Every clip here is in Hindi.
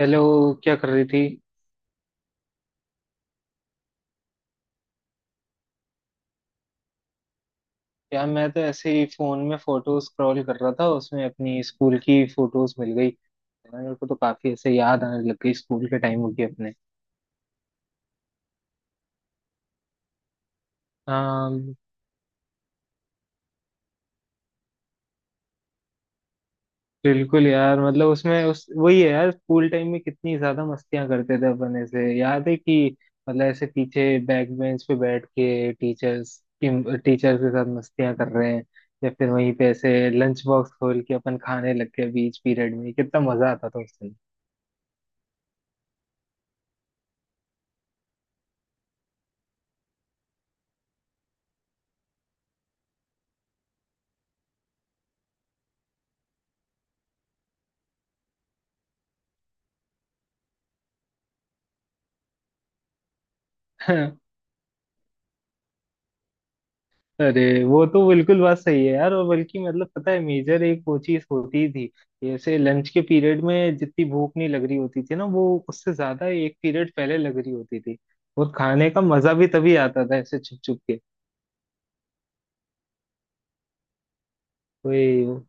हेलो। क्या कर रही थी? यार मैं तो ऐसे ही फोन में फोटो स्क्रॉल कर रहा था, उसमें अपनी स्कूल की फोटोज मिल गई यार, मेरे को तो काफी ऐसे याद आने लग गई स्कूल के टाइम की अपने। हाँ। बिल्कुल यार। मतलब उसमें उस वही है यार, स्कूल टाइम में कितनी ज्यादा मस्तियां करते थे अपन। ऐसे याद है कि मतलब ऐसे पीछे बैक बेंच पे बैठ के टीचर्स के साथ मस्तियां कर रहे हैं, या फिर वहीं पे ऐसे लंच बॉक्स खोल के अपन खाने लग गए बीच पीरियड में। कितना मजा आता था उस दिन। अरे वो तो बिल्कुल बात सही है यार। और बल्कि मतलब पता है, मेजर एक वो चीज होती थी, जैसे लंच के पीरियड में जितनी भूख नहीं लग रही होती थी ना, वो उससे ज्यादा एक पीरियड पहले लग रही होती थी। और खाने का मजा भी तभी आता था ऐसे छुप छुप के। वही।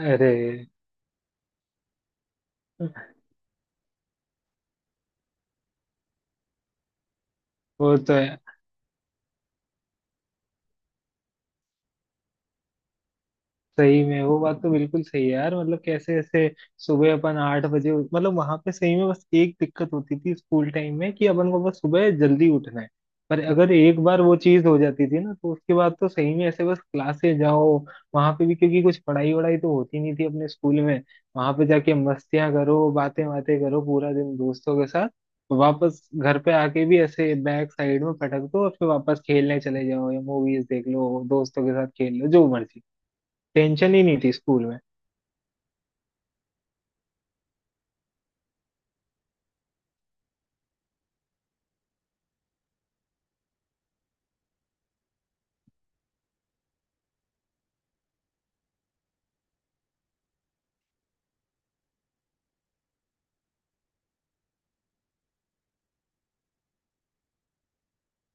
अरे वो तो है। सही में वो बात तो बिल्कुल सही है यार। मतलब कैसे ऐसे सुबह अपन 8 बजे, मतलब वहां पे सही में बस एक दिक्कत होती थी स्कूल टाइम में कि अपन को बस सुबह जल्दी उठना है। पर अगर एक बार वो चीज हो जाती थी ना, तो उसके बाद तो सही में ऐसे बस क्लासे जाओ वहां पे भी, क्योंकि कुछ पढ़ाई वढ़ाई तो होती नहीं थी अपने स्कूल में। वहां पे जाके मस्तियां करो, बातें बातें करो पूरा दिन दोस्तों के साथ। तो वापस घर पे आके भी ऐसे बैक साइड में पटक दो और फिर वापस खेलने चले जाओ, या मूवीज देख लो, दोस्तों के साथ खेल लो जो मर्जी। टेंशन ही नहीं थी स्कूल में।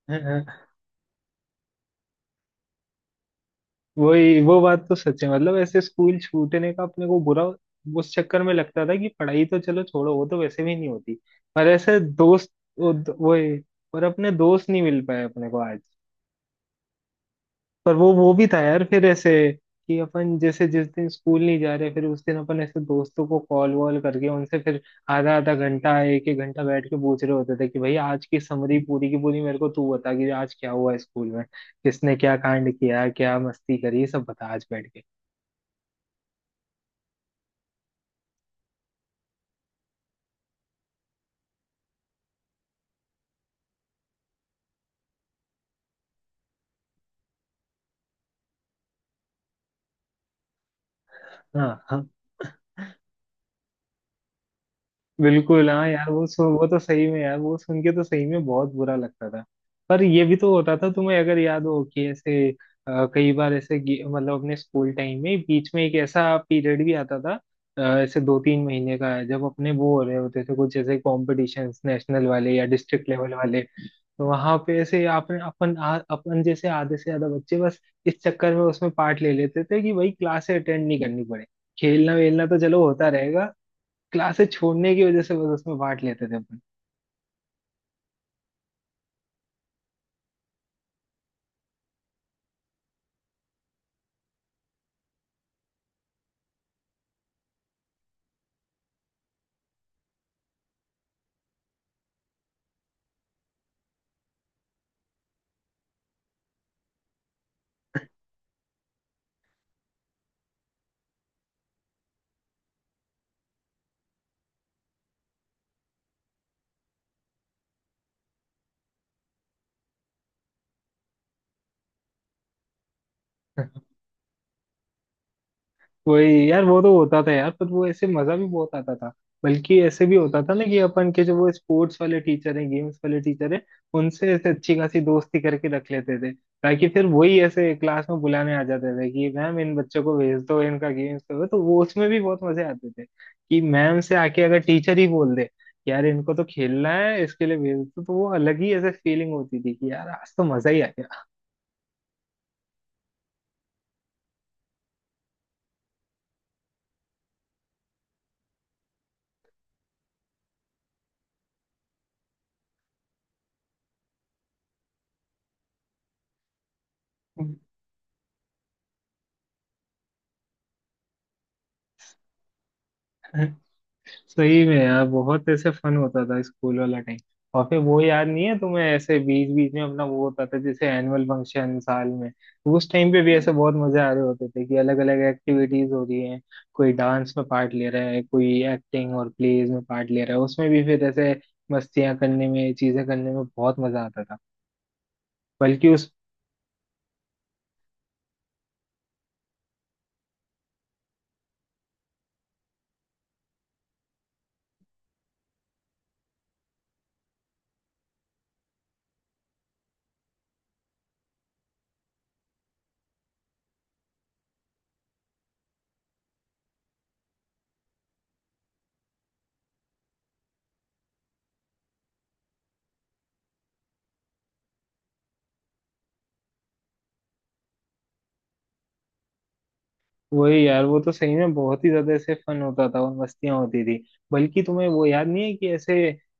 वही। वो बात तो सच है, मतलब ऐसे स्कूल छूटने का अपने को बुरा उस चक्कर में लगता था कि पढ़ाई तो चलो छोड़ो, वो तो वैसे भी नहीं होती, पर ऐसे दोस्त वो वो- और अपने दोस्त नहीं मिल पाए अपने को आज। पर वो भी था यार, फिर ऐसे कि अपन जैसे जिस दिन स्कूल नहीं जा रहे, फिर उस दिन अपन ऐसे दोस्तों को कॉल वॉल करके उनसे फिर आधा आधा घंटा एक एक घंटा बैठ के पूछ रहे होते थे कि भाई आज की समरी पूरी की पूरी मेरे को तू बता कि आज क्या हुआ स्कूल में, किसने क्या कांड किया, क्या मस्ती करी, ये सब बता आज बैठ के। हाँ, हाँ। बिल्कुल हाँ यार वो तो सही में यार वो सुन के तो सही में बहुत बुरा लगता था। पर ये भी तो होता था, तुम्हें अगर याद हो कि ऐसे कई बार ऐसे मतलब अपने स्कूल टाइम में बीच में एक ऐसा पीरियड भी आता था, ऐसे दो तीन महीने का, जब अपने वो हो रहे होते थे कुछ ऐसे कॉम्पिटिशन्स नेशनल वाले या डिस्ट्रिक्ट लेवल वाले, तो वहां पे ऐसे अपन जैसे आधे से ज्यादा बच्चे बस इस चक्कर में उसमें पार्ट ले लेते थे कि भाई क्लासे अटेंड नहीं करनी पड़े, खेलना वेलना तो चलो होता रहेगा, क्लासेस छोड़ने की वजह से बस उसमें बांट लेते थे अपन। वही। यार वो तो होता था यार, पर वो ऐसे मजा भी बहुत आता था। बल्कि ऐसे भी होता था ना कि अपन के जो वो स्पोर्ट्स वाले टीचर हैं, गेम्स वाले टीचर हैं, उनसे ऐसे अच्छी खासी दोस्ती करके रख लेते थे। ताकि फिर वही ऐसे क्लास में बुलाने आ जाते थे कि मैम इन बच्चों को भेज दो, इनका गेम्स करो, तो वो उसमें भी बहुत मजे आते थे कि मैम से आके अगर टीचर ही बोल दे यार इनको तो खेलना है, इसके लिए भेज दो, तो वो अलग ही ऐसे फीलिंग होती थी कि यार आज तो मजा ही आ गया। सही में यार बहुत ऐसे फन होता था स्कूल वाला टाइम। और फिर वो याद नहीं है तुम्हें, ऐसे बीच बीच में अपना वो होता था जैसे एनुअल फंक्शन साल में, तो उस टाइम पे भी ऐसे बहुत मजे आ रहे होते थे कि अलग अलग एक्टिविटीज हो रही हैं। कोई डांस में पार्ट ले रहा है, कोई एक्टिंग और प्लेज में पार्ट ले रहा है, उसमें भी फिर ऐसे मस्तियां करने में, चीजें करने में बहुत मजा आता था। बल्कि उस, वही। यार वो तो सही में बहुत ही ज्यादा ऐसे फन होता था और मस्तियां होती थी। बल्कि तुम्हें वो याद नहीं है कि ऐसे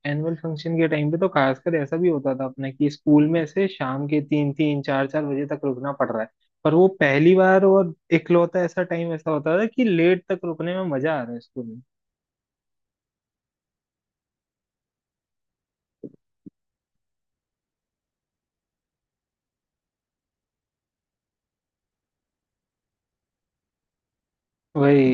एनुअल फंक्शन के टाइम पे तो खासकर ऐसा भी होता था अपने कि स्कूल में ऐसे शाम के तीन तीन चार चार बजे तक रुकना पड़ रहा है। पर वो पहली बार और इकलौता ऐसा टाइम ऐसा होता था कि लेट तक रुकने में मजा आ रहा है स्कूल में। वही।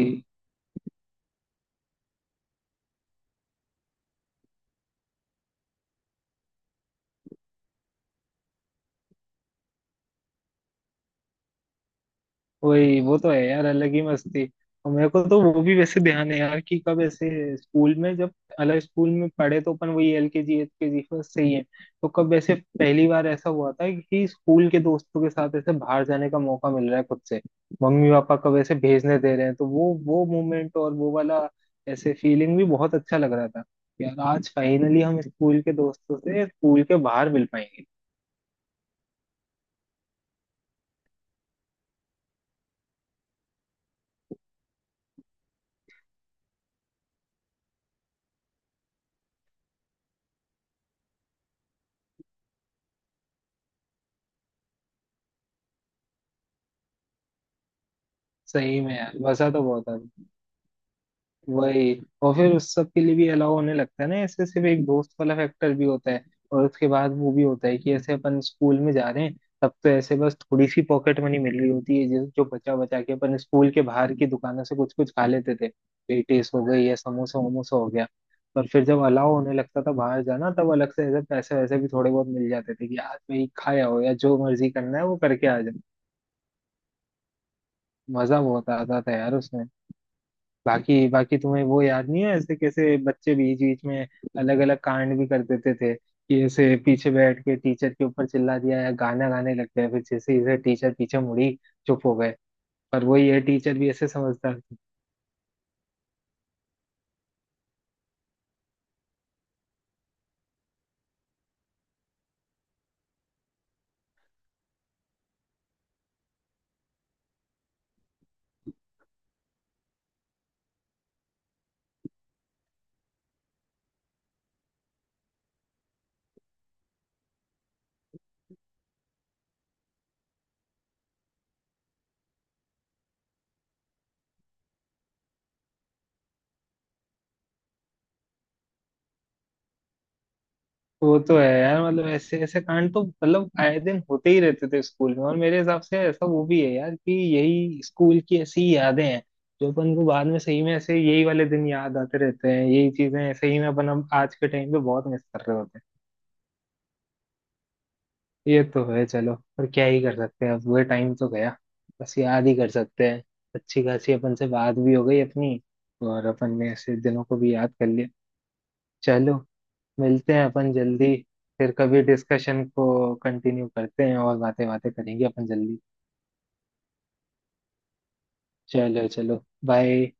वही, वो तो है यार, अलग ही मस्ती। और मेरे को तो वो भी वैसे ध्यान है यार कि कब ऐसे स्कूल में, जब अलग स्कूल में पढ़े, तो अपन वही LKG UKG फर्स्ट से ही है। तो कब वैसे पहली बार ऐसा हुआ था कि स्कूल के दोस्तों के साथ ऐसे बाहर जाने का मौका मिल रहा है खुद से, मम्मी पापा कब ऐसे भेजने दे रहे हैं। तो वो मोमेंट और वो वाला ऐसे फीलिंग भी बहुत अच्छा लग रहा था, यार आज फाइनली हम स्कूल के दोस्तों से स्कूल के बाहर मिल पाएंगे। सही में यार मजा तो बहुत आ वही। और फिर उस सब के लिए भी अलाउ होने लगता है ना ऐसे, सिर्फ एक दोस्त वाला फैक्टर भी होता है। और उसके बाद वो भी होता है कि ऐसे अपन स्कूल में जा रहे हैं, तब तो ऐसे बस थोड़ी सी पॉकेट मनी मिल रही होती है, जिस जो बचा बचा के अपन स्कूल के बाहर की दुकानों से कुछ कुछ खा लेते थे, पेटीज हो गई या समोसा वमोसा हो गया। पर फिर जब अलाउ होने लगता था बाहर जाना, तब अलग से ऐसे पैसे वैसे भी थोड़े बहुत मिल जाते थे कि आज भाई खाया हो या जो मर्जी करना है वो करके आ जाओ। मजा बहुत आता था यार उसमें। बाकी बाकी तुम्हें वो याद नहीं है ऐसे, कैसे बच्चे बीच बीच में अलग अलग कांड भी कर देते थे कि ऐसे पीछे बैठ के टीचर के ऊपर चिल्ला दिया या गाना गाने लग गया, फिर जैसे इसे टीचर पीछे मुड़ी चुप हो गए। पर वही है, टीचर भी ऐसे समझदार थे। तो वो तो है यार, मतलब ऐसे ऐसे कांड तो मतलब आए दिन होते ही रहते थे स्कूल में। और मेरे हिसाब से ऐसा वो भी है यार कि यही स्कूल की ऐसी ही यादें हैं जो अपन को बाद में सही में ऐसे यही वाले दिन याद आते रहते हैं, यही चीजें सही में अपन अब आज के टाइम पे बहुत मिस कर रहे होते हैं। ये तो है। चलो पर क्या ही कर सकते हैं, अब वो टाइम तो गया, बस याद ही कर सकते हैं। अच्छी खासी अपन से बात भी हो गई अपनी, और अपन ने ऐसे दिनों को भी याद कर लिया। चलो। मिलते हैं अपन जल्दी। फिर कभी डिस्कशन को कंटिन्यू करते हैं और बातें बातें करेंगे अपन जल्दी। चलो चलो बाय।